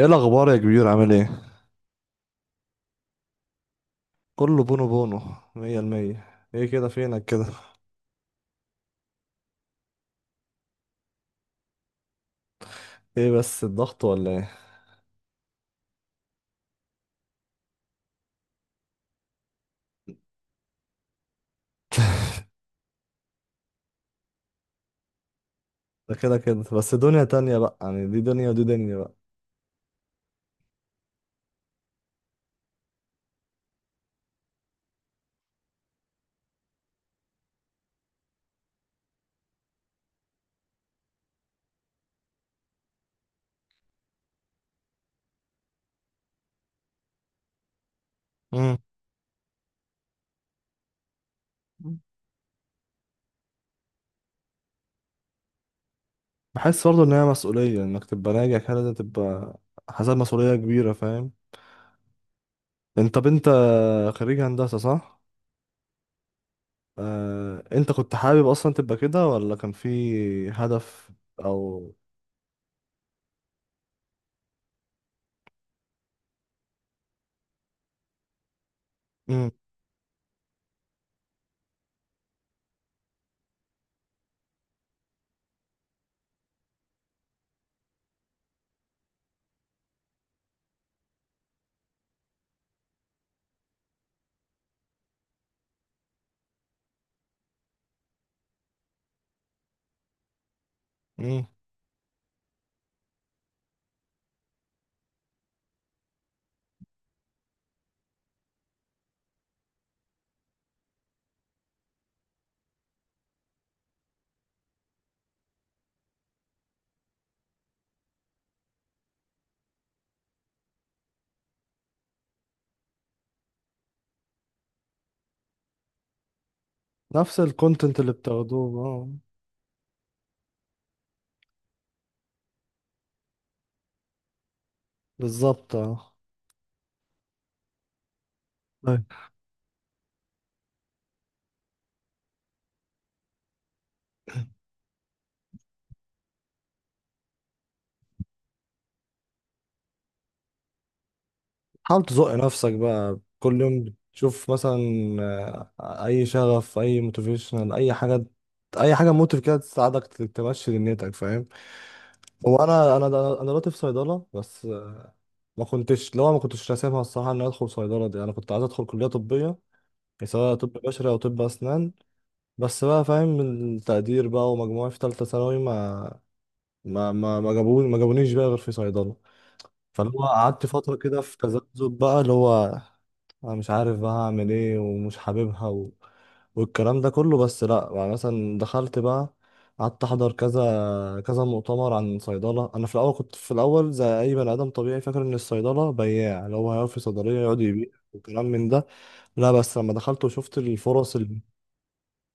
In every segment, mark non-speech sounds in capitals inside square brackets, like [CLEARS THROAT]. ايه الاخبار يا كبير؟ عامل ايه؟ كله بونو بونو، مية المية. ايه كده؟ فينك كده؟ ايه، بس الضغط ولا ايه؟ [LAUGHS] ده كده كده، بس دنيا تانية بقى، يعني دي دنيا ودي دنيا بقى. امم بحس برضه ان هي مسؤولية، انك تبقى ناجح كده لازم تبقى حاسس مسؤولية كبيرة، فاهم؟ انت، طب انت خريج هندسة صح؟ انت كنت حابب اصلا تبقى كده ولا كان في هدف؟ او امم امم نفس الكونتنت اللي بتاخدوه، اه. بالظبط، اه. حاول تزق نفسك بقى كل يوم، تشوف مثلا اي شغف، اي موتيفيشنال، اي حاجه، اي حاجه موتيف كده تساعدك تمشي دنيتك، فاهم؟ هو انا انا دلوقتي في صيدله، بس ما كنتش، لو ما كنتش راسمها الصراحه ان أنا ادخل صيدله دي، انا كنت عايز ادخل كليه طبيه يعني، سواء طب بشري او طب اسنان. بس بقى، فاهم، التقدير بقى ومجموعي في ثالثه ثانوي ما جابوني، ما جابونيش بقى غير في صيدله. فاللي هو قعدت فترة كده في تذبذب بقى، اللي هو أنا مش عارف بقى هعمل إيه، ومش حاببها والكلام ده كله. بس لأ، يعني مثلا دخلت بقى، قعدت أحضر كذا كذا مؤتمر عن صيدلة. أنا في الأول كنت، في الأول زي أي بني آدم طبيعي، فاكر إن الصيدلة بياع، اللي هو هيقف في صيدلية يقعد يبيع وكلام من ده. لا، بس لما دخلت وشفت الفرص،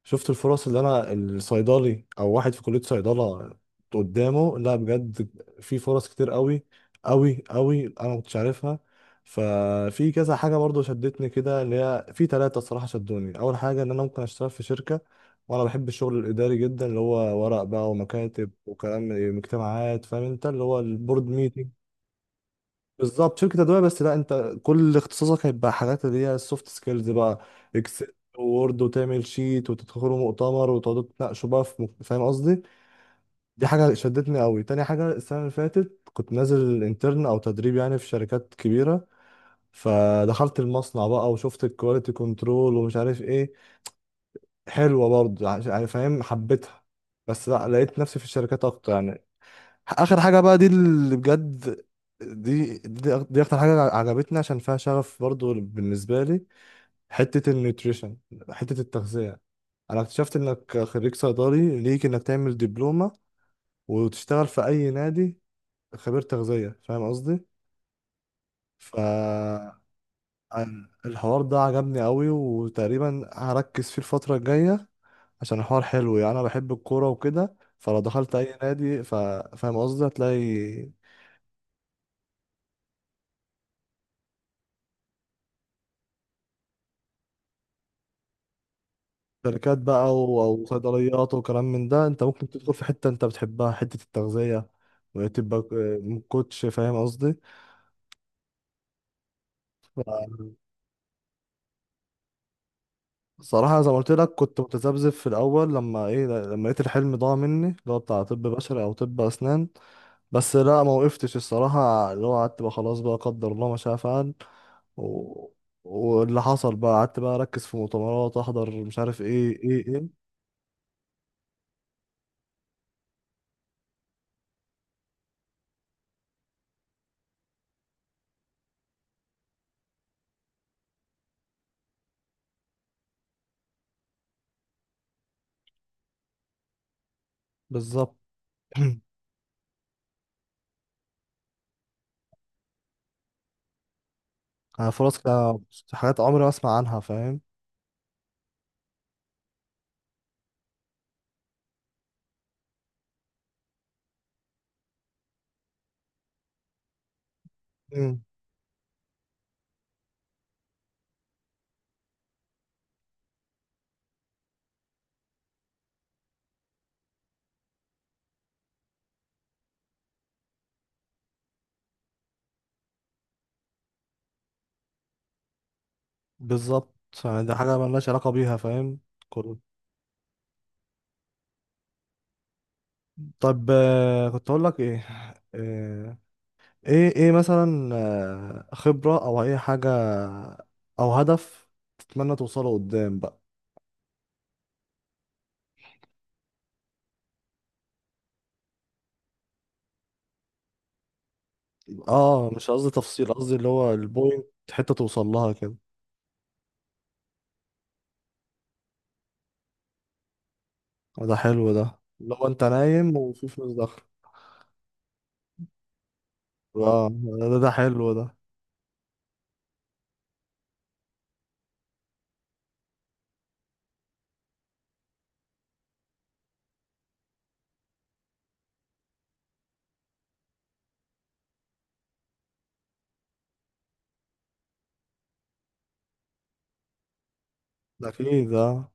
شفت الفرص اللي انا الصيدلي او واحد في كلية صيدلة قدامه، لا بجد، في فرص كتير قوي قوي قوي انا ما كنتش عارفها. ففي كذا حاجة برضو شدتني كده، اللي هي في ثلاثة الصراحة شدوني. اول حاجة ان انا ممكن اشتغل في شركة، وانا بحب الشغل الاداري جدا، اللي هو ورق بقى ومكاتب وكلام اجتماعات، فاهم انت؟ اللي هو البورد ميتنج. بالظبط، شركة أدوية، بس لا، أنت كل اختصاصك هيبقى حاجات اللي هي السوفت سكيلز بقى، إكسل وورد وتعمل شيت، وتدخلوا مؤتمر وتقعدوا تناقشوا بقى في فاهم قصدي؟ دي حاجة شدتني قوي. تاني حاجة، السنة اللي فاتت كنت نازل انترن أو تدريب يعني في شركات كبيرة، فدخلت المصنع بقى وشفت الكواليتي كنترول ومش عارف إيه، حلوة برضه، يعني فاهم، حبيتها، بس لا، لقيت نفسي في الشركات أكتر يعني. اخر حاجه بقى، دي اللي بجد، دي اكتر حاجه عجبتني، عشان فيها شغف برضو بالنسبه لي. حته النيوتريشن، حته التغذيه. انا اكتشفت انك خريج صيدلي، ليك انك تعمل دبلومه وتشتغل في اي نادي خبير تغذيه، فاهم قصدي؟ ف أنا- الحوار ده عجبني قوي، وتقريبا هركز فيه الفتره الجايه، عشان الحوار حلو يعني. انا بحب الكوره وكده، فلو دخلت اي نادي ف... فاهم قصدي؟ هتلاقي شركات بقى او صيدليات وكلام من ده. انت ممكن تدخل في حته انت بتحبها، حته التغذيه، وتبقى كوتش، فاهم قصدي؟ صراحه زي ما قلت لك، كنت متذبذب في الاول، لما ايه، لما لقيت الحلم ضاع مني، اللي هو بتاع طب بشري او طب اسنان. بس لا، ما وقفتش الصراحه، اللي هو قعدت بقى، خلاص بقى، قدر الله ما شاء فعل، و... واللي حصل بقى قعدت بقى اركز في مؤتمرات، احضر، مش عارف ايه ايه ايه. بالظبط. [CLEARS THROAT] أنا فرص كده، حاجات عمري ما اسمع عنها، فاهم. بالظبط، يعني ده حاجة ملهاش علاقة بيها، فاهم. كل- طب كنت أقول لك إيه، آه، إيه إيه مثلا، خبرة أو أي حاجة أو هدف تتمنى توصله قدام بقى. آه، مش قصدي تفصيل، قصدي اللي هو البوينت، حتة توصل لها كده. ده حلو، ده اللي هو أنت نايم وفي فلوس داخلة. آه. ده ده حلو ده. ده أكيد، آه.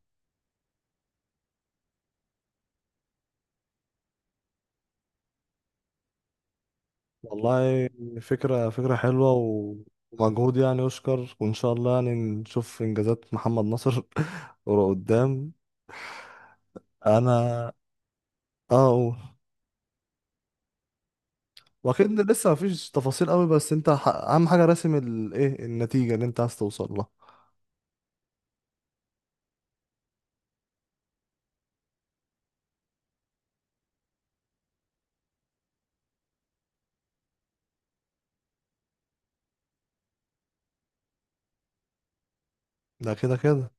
والله فكرة، فكرة حلوة ومجهود يعني يشكر، وإن شاء الله يعني نشوف إنجازات محمد نصر [LAUGHS] ورا قدام. أنا أه أقول، وأكيد لسه مفيش تفاصيل قوي، بس أنت أهم حاجة راسم الإيه، النتيجة اللي أنت عايز توصل لها. ده كده كده،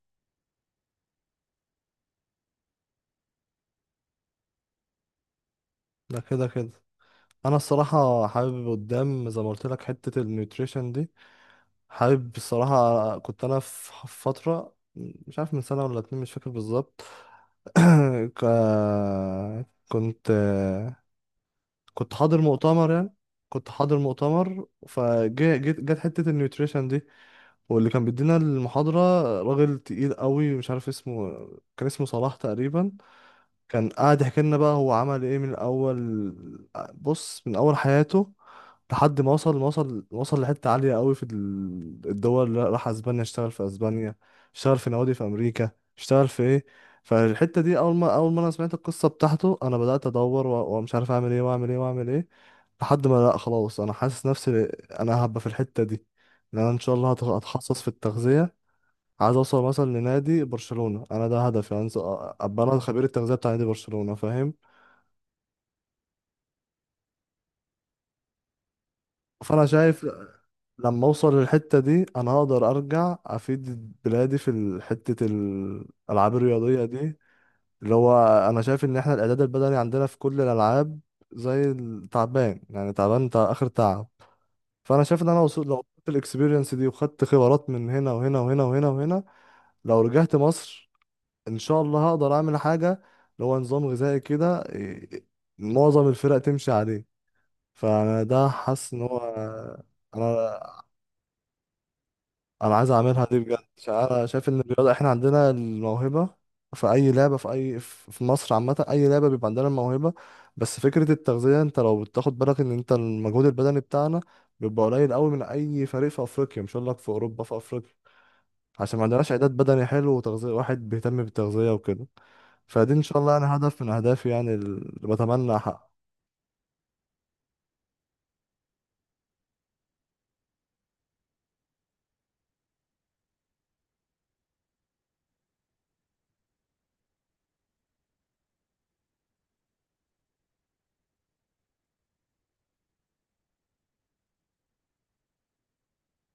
ده كده كده. أنا الصراحة حابب قدام، زي ما قلت لك حتة النيوتريشن دي، حابب الصراحة. كنت أنا في فترة مش عارف من سنة ولا اتنين، مش فاكر بالظبط، [CLEARS THROAT] ك- كنت كنت حاضر مؤتمر يعني، كنت حاضر مؤتمر، فجت، جت حتة النيوتريشن دي، واللي كان بيدينا المحاضرة راجل تقيل قوي، مش عارف اسمه، كان اسمه صلاح تقريبا. كان قاعد يحكي لنا بقى هو عمل ايه من اول، بص من اول حياته لحد ما وصل، ما وصل، وصل لحتة عالية قوي في الدول اللي راح، اسبانيا، اشتغل في اسبانيا، اشتغل في نوادي في امريكا، اشتغل في ايه. فالحتة دي اول ما، اول ما انا سمعت القصة بتاعته، انا بدأت ادور ومش عارف اعمل ايه واعمل ايه واعمل ايه، لحد ما لا، خلاص، انا حاسس نفسي انا هبقى في الحتة دي، ان انا ان شاء الله هتخصص في التغذية. عايز اوصل مثلا لنادي برشلونة، انا ده هدفي يعني. أنزل ابقى انا خبير التغذية بتاع نادي برشلونة، فاهم. فانا شايف لما اوصل للحتة دي انا هقدر ارجع افيد بلادي في حتة الالعاب الرياضية دي، اللي هو انا شايف ان احنا الاعداد البدني عندنا في كل الالعاب زي التعبان، يعني تعبان، اخر تعب. فانا شايف ان انا وصلت، لو وصلت الاكسبيرينس دي وخدت خبرات من هنا وهنا وهنا وهنا وهنا، لو رجعت مصر ان شاء الله هقدر اعمل حاجه، اللي هو نظام غذائي كده، إيه، معظم الفرق تمشي عليه. فانا ده حاسس ان هو، انا عايز اعملها دي بجد، عشان انا شايف ان الرياضه احنا عندنا الموهبه، في اي لعبه، في اي، في مصر عامه اي لعبه بيبقى عندنا الموهبه، بس فكره التغذيه، انت لو بتاخد بالك ان انت المجهود البدني بتاعنا بيبقى قليل قوي من اي فريق في افريقيا، مش هقول لك في اوروبا، في افريقيا، عشان ما عندناش اعداد بدني حلو وتغذيه، واحد بيهتم بالتغذيه وكده. فدي ان شاء الله يعني هدف من اهدافي يعني، اللي بتمنى احققه.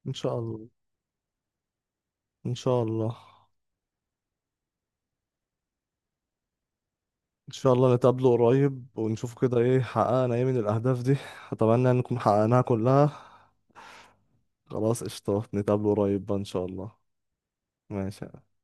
ان شاء الله. ان شاء الله. ان شاء الله نتقابله قريب ونشوف كده ايه حققنا ايه من الاهداف دي، اتمنى ان نكون حققناها كلها. خلاص، قشطة، نتقابله قريب بقى ان شاء الله. ماشي.